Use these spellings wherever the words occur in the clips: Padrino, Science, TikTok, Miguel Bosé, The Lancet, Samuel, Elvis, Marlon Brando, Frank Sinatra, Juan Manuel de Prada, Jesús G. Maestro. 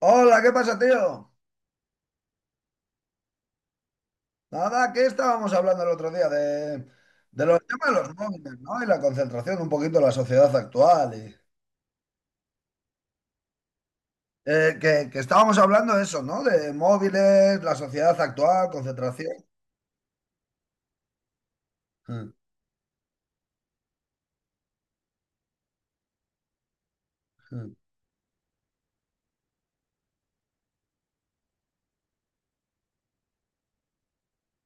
Hola, ¿qué pasa, tío? Nada, que estábamos hablando el otro día de los temas de los móviles, ¿no? Y la concentración, un poquito la sociedad actual. Que estábamos hablando de eso, ¿no? De móviles, la sociedad actual, concentración. Mm, mm.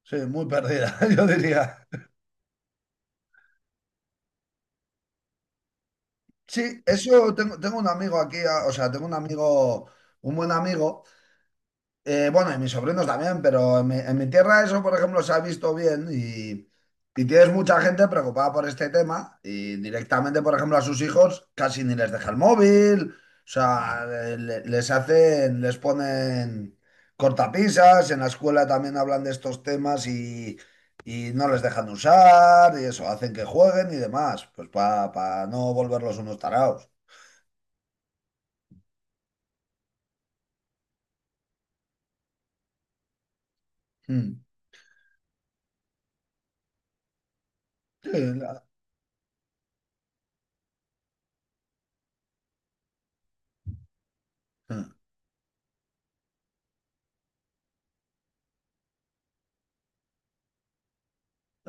Sí, muy perdida, yo diría. Sí, eso tengo, un amigo aquí, o sea, tengo un amigo, un buen amigo. Bueno, y mis sobrinos también, pero en mi, tierra eso, por ejemplo, se ha visto bien, y tienes mucha gente preocupada por este tema y directamente, por ejemplo, a sus hijos casi ni les deja el móvil, o sea, les hacen, les ponen cortapisas, en la escuela también hablan de estos temas, y no les dejan usar y eso, hacen que jueguen y demás, pues para no volverlos unos tarados. Mm. Sí, la- mm.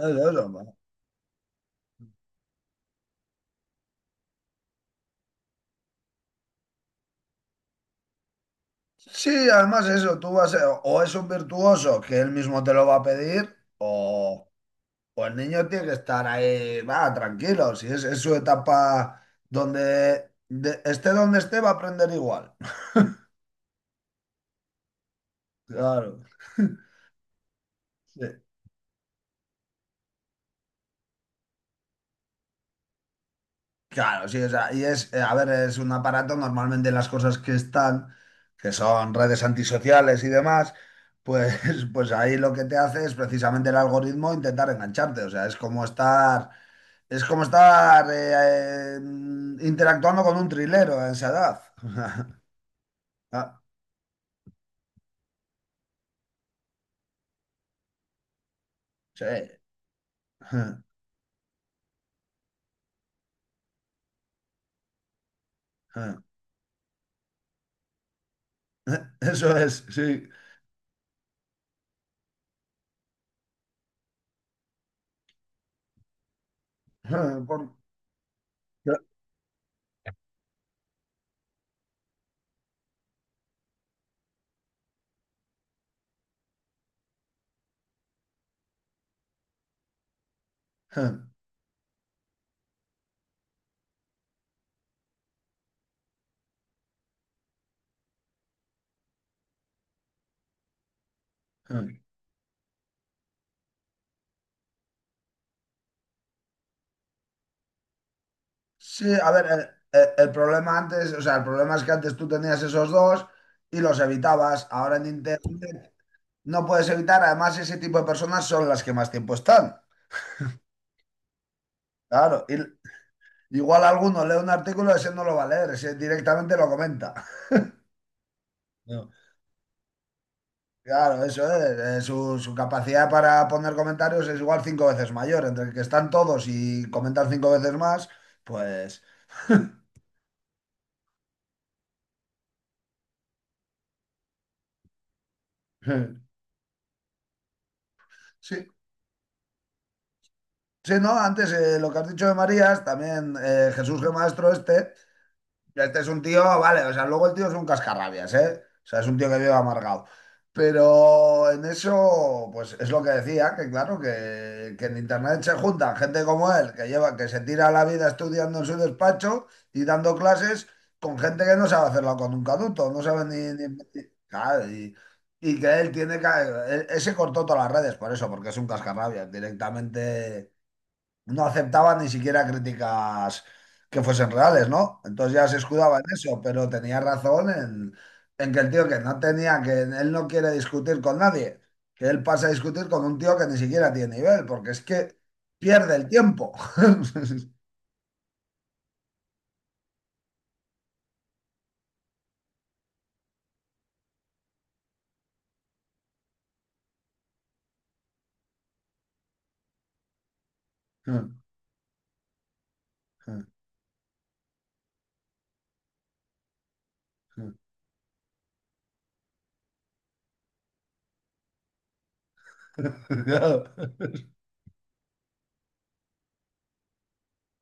Es eso. Sí, además eso, tú vas o es un virtuoso que él mismo te lo va a pedir, o el niño tiene que estar ahí, va, tranquilo, si es su etapa, donde esté donde esté, va a aprender igual. Claro. Sí. Claro, sí, o sea, y es, a ver, es un aparato, normalmente las cosas que están, que son redes antisociales y demás, pues, pues ahí lo que te hace es precisamente el algoritmo intentar engancharte, o sea, es como estar interactuando con un trilero en esa edad. Ah, sí. Eso es, sí. Por- Sí, a ver, el, el problema antes, o sea, el problema es que antes tú tenías esos dos y los evitabas. Ahora en Internet no puedes evitar, además ese tipo de personas son las que más tiempo están. Claro, y igual alguno lee un artículo, ese no lo va a leer, ese directamente lo comenta. No. Claro, eso es. Su capacidad para poner comentarios es igual cinco veces mayor. Entre que están todos y comentan cinco veces más, pues. Sí, sí, no, antes lo que has dicho de Marías, también Jesús G. Maestro este. Este es un tío, vale, o sea, luego el tío es un cascarrabias, ¿eh? O sea, es un tío que vive amargado. Pero en eso, pues es lo que decía, que claro, que en internet se juntan gente como él, que lleva, que se tira la vida estudiando en su despacho y dando clases con gente que no sabe hacerlo con un caduto, no sabe claro, y que él tiene que, él se cortó todas las redes por eso, porque es un cascarrabias, directamente no aceptaban ni siquiera críticas que fuesen reales, ¿no? Entonces ya se escudaba en eso, pero tenía razón en que el tío que no tenía, que él no quiere discutir con nadie, que él pasa a discutir con un tío que ni siquiera tiene nivel, porque es que pierde el tiempo.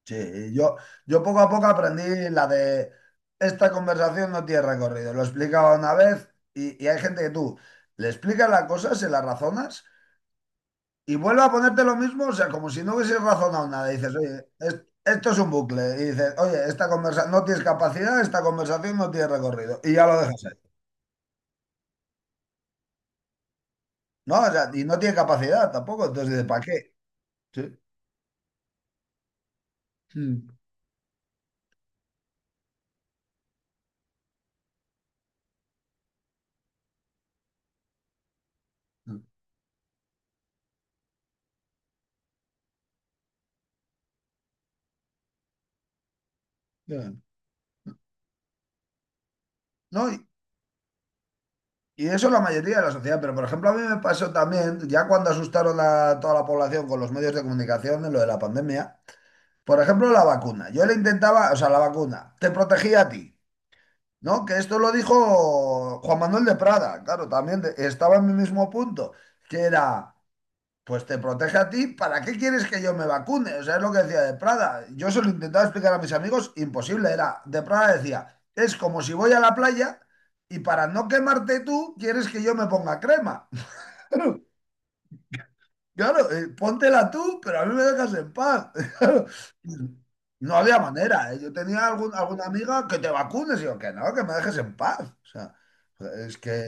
Sí, yo poco a poco aprendí la de esta conversación no tiene recorrido. Lo explicaba una vez, y hay gente que tú le explicas la cosa, se la razonas, y vuelve a ponerte lo mismo, o sea, como si no hubieses razonado nada. Dices, oye, esto es un bucle. Y dices, oye, esta conversación no tienes capacidad, esta conversación no tiene recorrido. Y ya lo dejas ahí. No, o sea, y no tiene capacidad tampoco. Entonces dices, ¿para qué? Sí. Mm. Mm, ya. Mm, no, y eso la mayoría de la sociedad, pero por ejemplo, a mí me pasó también, ya cuando asustaron a toda la población con los medios de comunicación en lo de la pandemia, por ejemplo, la vacuna. Yo le intentaba, o sea, la vacuna te protegía a ti. No, que esto lo dijo Juan Manuel de Prada, claro, también estaba en mi mismo punto, que era, pues te protege a ti, ¿para qué quieres que yo me vacune? O sea, es lo que decía de Prada. Yo se lo intentaba explicar a mis amigos, imposible era. De Prada decía, es como si voy a la playa y, para no quemarte tú, quieres que yo me ponga crema. Claro, póntela tú, pero a mí me dejas en paz. Claro. No había manera, ¿eh? Yo tenía alguna amiga que te vacunes y yo que no, que me dejes en paz. O sea, es que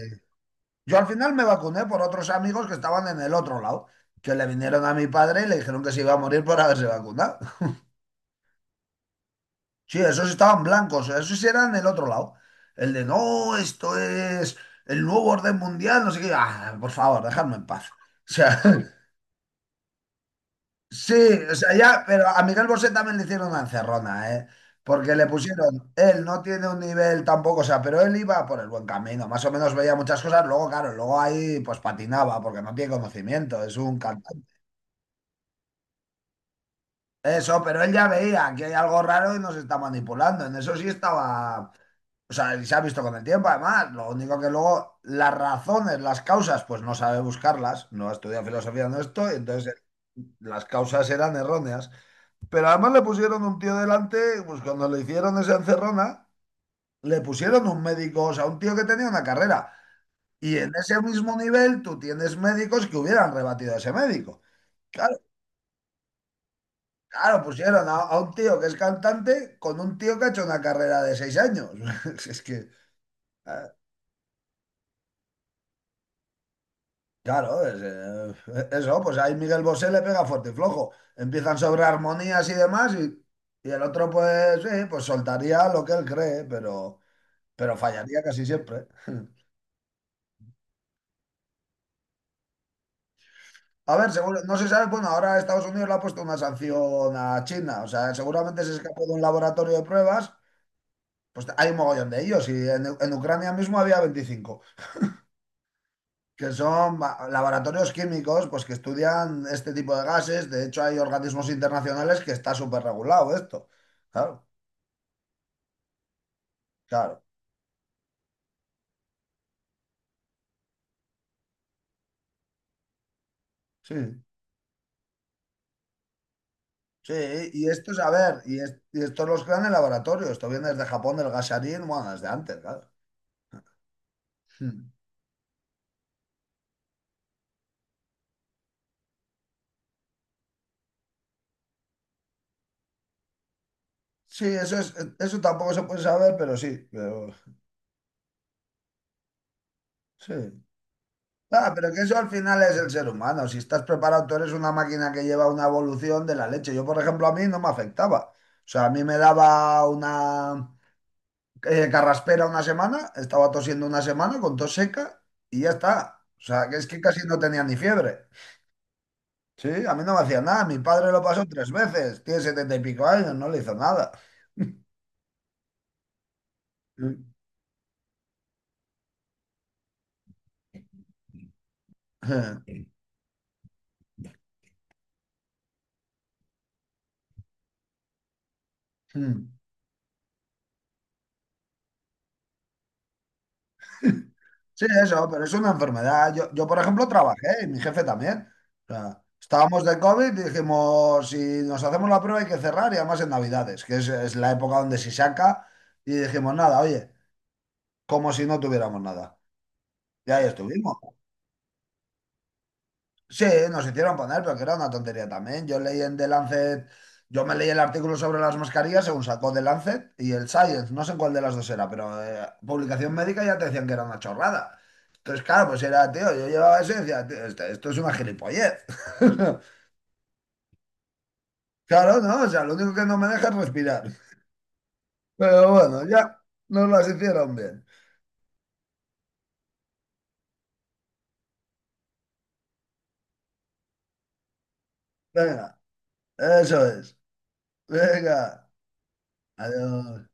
yo al final me vacuné por otros amigos que estaban en el otro lado, que le vinieron a mi padre y le dijeron que se iba a morir por haberse vacunado. Sí, esos estaban blancos, esos sí eran el otro lado. El de no, esto es el nuevo orden mundial, no sé qué. Ah, por favor, dejadme en paz. O sea. Sí, o sea, ya, pero a Miguel Bosé también le hicieron una encerrona, ¿eh? Porque le pusieron, él no tiene un nivel tampoco, o sea, pero él iba por el buen camino, más o menos veía muchas cosas, luego, claro, luego ahí pues patinaba, porque no tiene conocimiento, es un cantante. Eso, pero él ya veía que hay algo raro y nos está manipulando, en eso sí estaba, o sea, y se ha visto con el tiempo, además, lo único que luego las razones, las causas, pues no sabe buscarlas, no ha estudiado filosofía, no esto, entonces las causas eran erróneas. Pero además le pusieron un tío delante, pues cuando le hicieron esa encerrona, le pusieron un médico, o sea, un tío que tenía una carrera. Y en ese mismo nivel tú tienes médicos que hubieran rebatido a ese médico. Claro, claro, pusieron a un tío que es cantante con un tío que ha hecho una carrera de 6 años. Es que, eh, claro, es, eso, pues ahí Miguel Bosé le pega fuerte y flojo. Empiezan sobre armonías y demás, y el otro pues, sí, pues soltaría lo que él cree, pero, fallaría casi siempre. A ver, seguro no se sabe, bueno, ahora Estados Unidos le ha puesto una sanción a China, o sea, seguramente se escapó de un laboratorio de pruebas, pues hay un mogollón de ellos, y en Ucrania mismo había 25, que son laboratorios químicos, pues que estudian este tipo de gases. De hecho, hay organismos internacionales, que está súper regulado esto, claro, claro, sí, sí, y esto es, a ver, y esto los crean en laboratorio, esto viene desde Japón, del gasarín, bueno, desde antes, claro. Hmm. Sí, eso es, eso tampoco se puede saber, pero sí, pero. Sí. Ah, pero que eso al final es el ser humano. Si estás preparado, tú eres una máquina que lleva una evolución de la leche. Yo, por ejemplo, a mí no me afectaba. O sea, a mí me daba una carraspera una semana, estaba tosiendo una semana con tos seca, y ya está. O sea, que es que casi no tenía ni fiebre. Sí, a mí no me hacía nada. Mi padre lo pasó tres veces. Tiene setenta y pico años, no le hizo nada. Mm. Sí, eso, pero es una enfermedad. Yo, por ejemplo, trabajé y mi jefe también. O sea, estábamos de COVID y dijimos, si nos hacemos la prueba hay que cerrar, y además en Navidades, que es la época donde se saca. Y dijimos, nada, oye, como si no tuviéramos nada. Y ahí estuvimos. Sí, nos hicieron poner, pero que era una tontería también. Yo leí en The Lancet, yo me leí el artículo sobre las mascarillas según sacó The Lancet y el Science, no sé en cuál de las dos era, pero publicación médica ya te decían que era una chorrada. Entonces, claro, pues era, tío, yo llevaba eso y decía, "Tío, esto, es una gilipollez." Claro, no, o sea, lo único que no me deja es respirar. Pero bueno, ya nos las hicieron bien. Venga, eso es. Venga, adiós.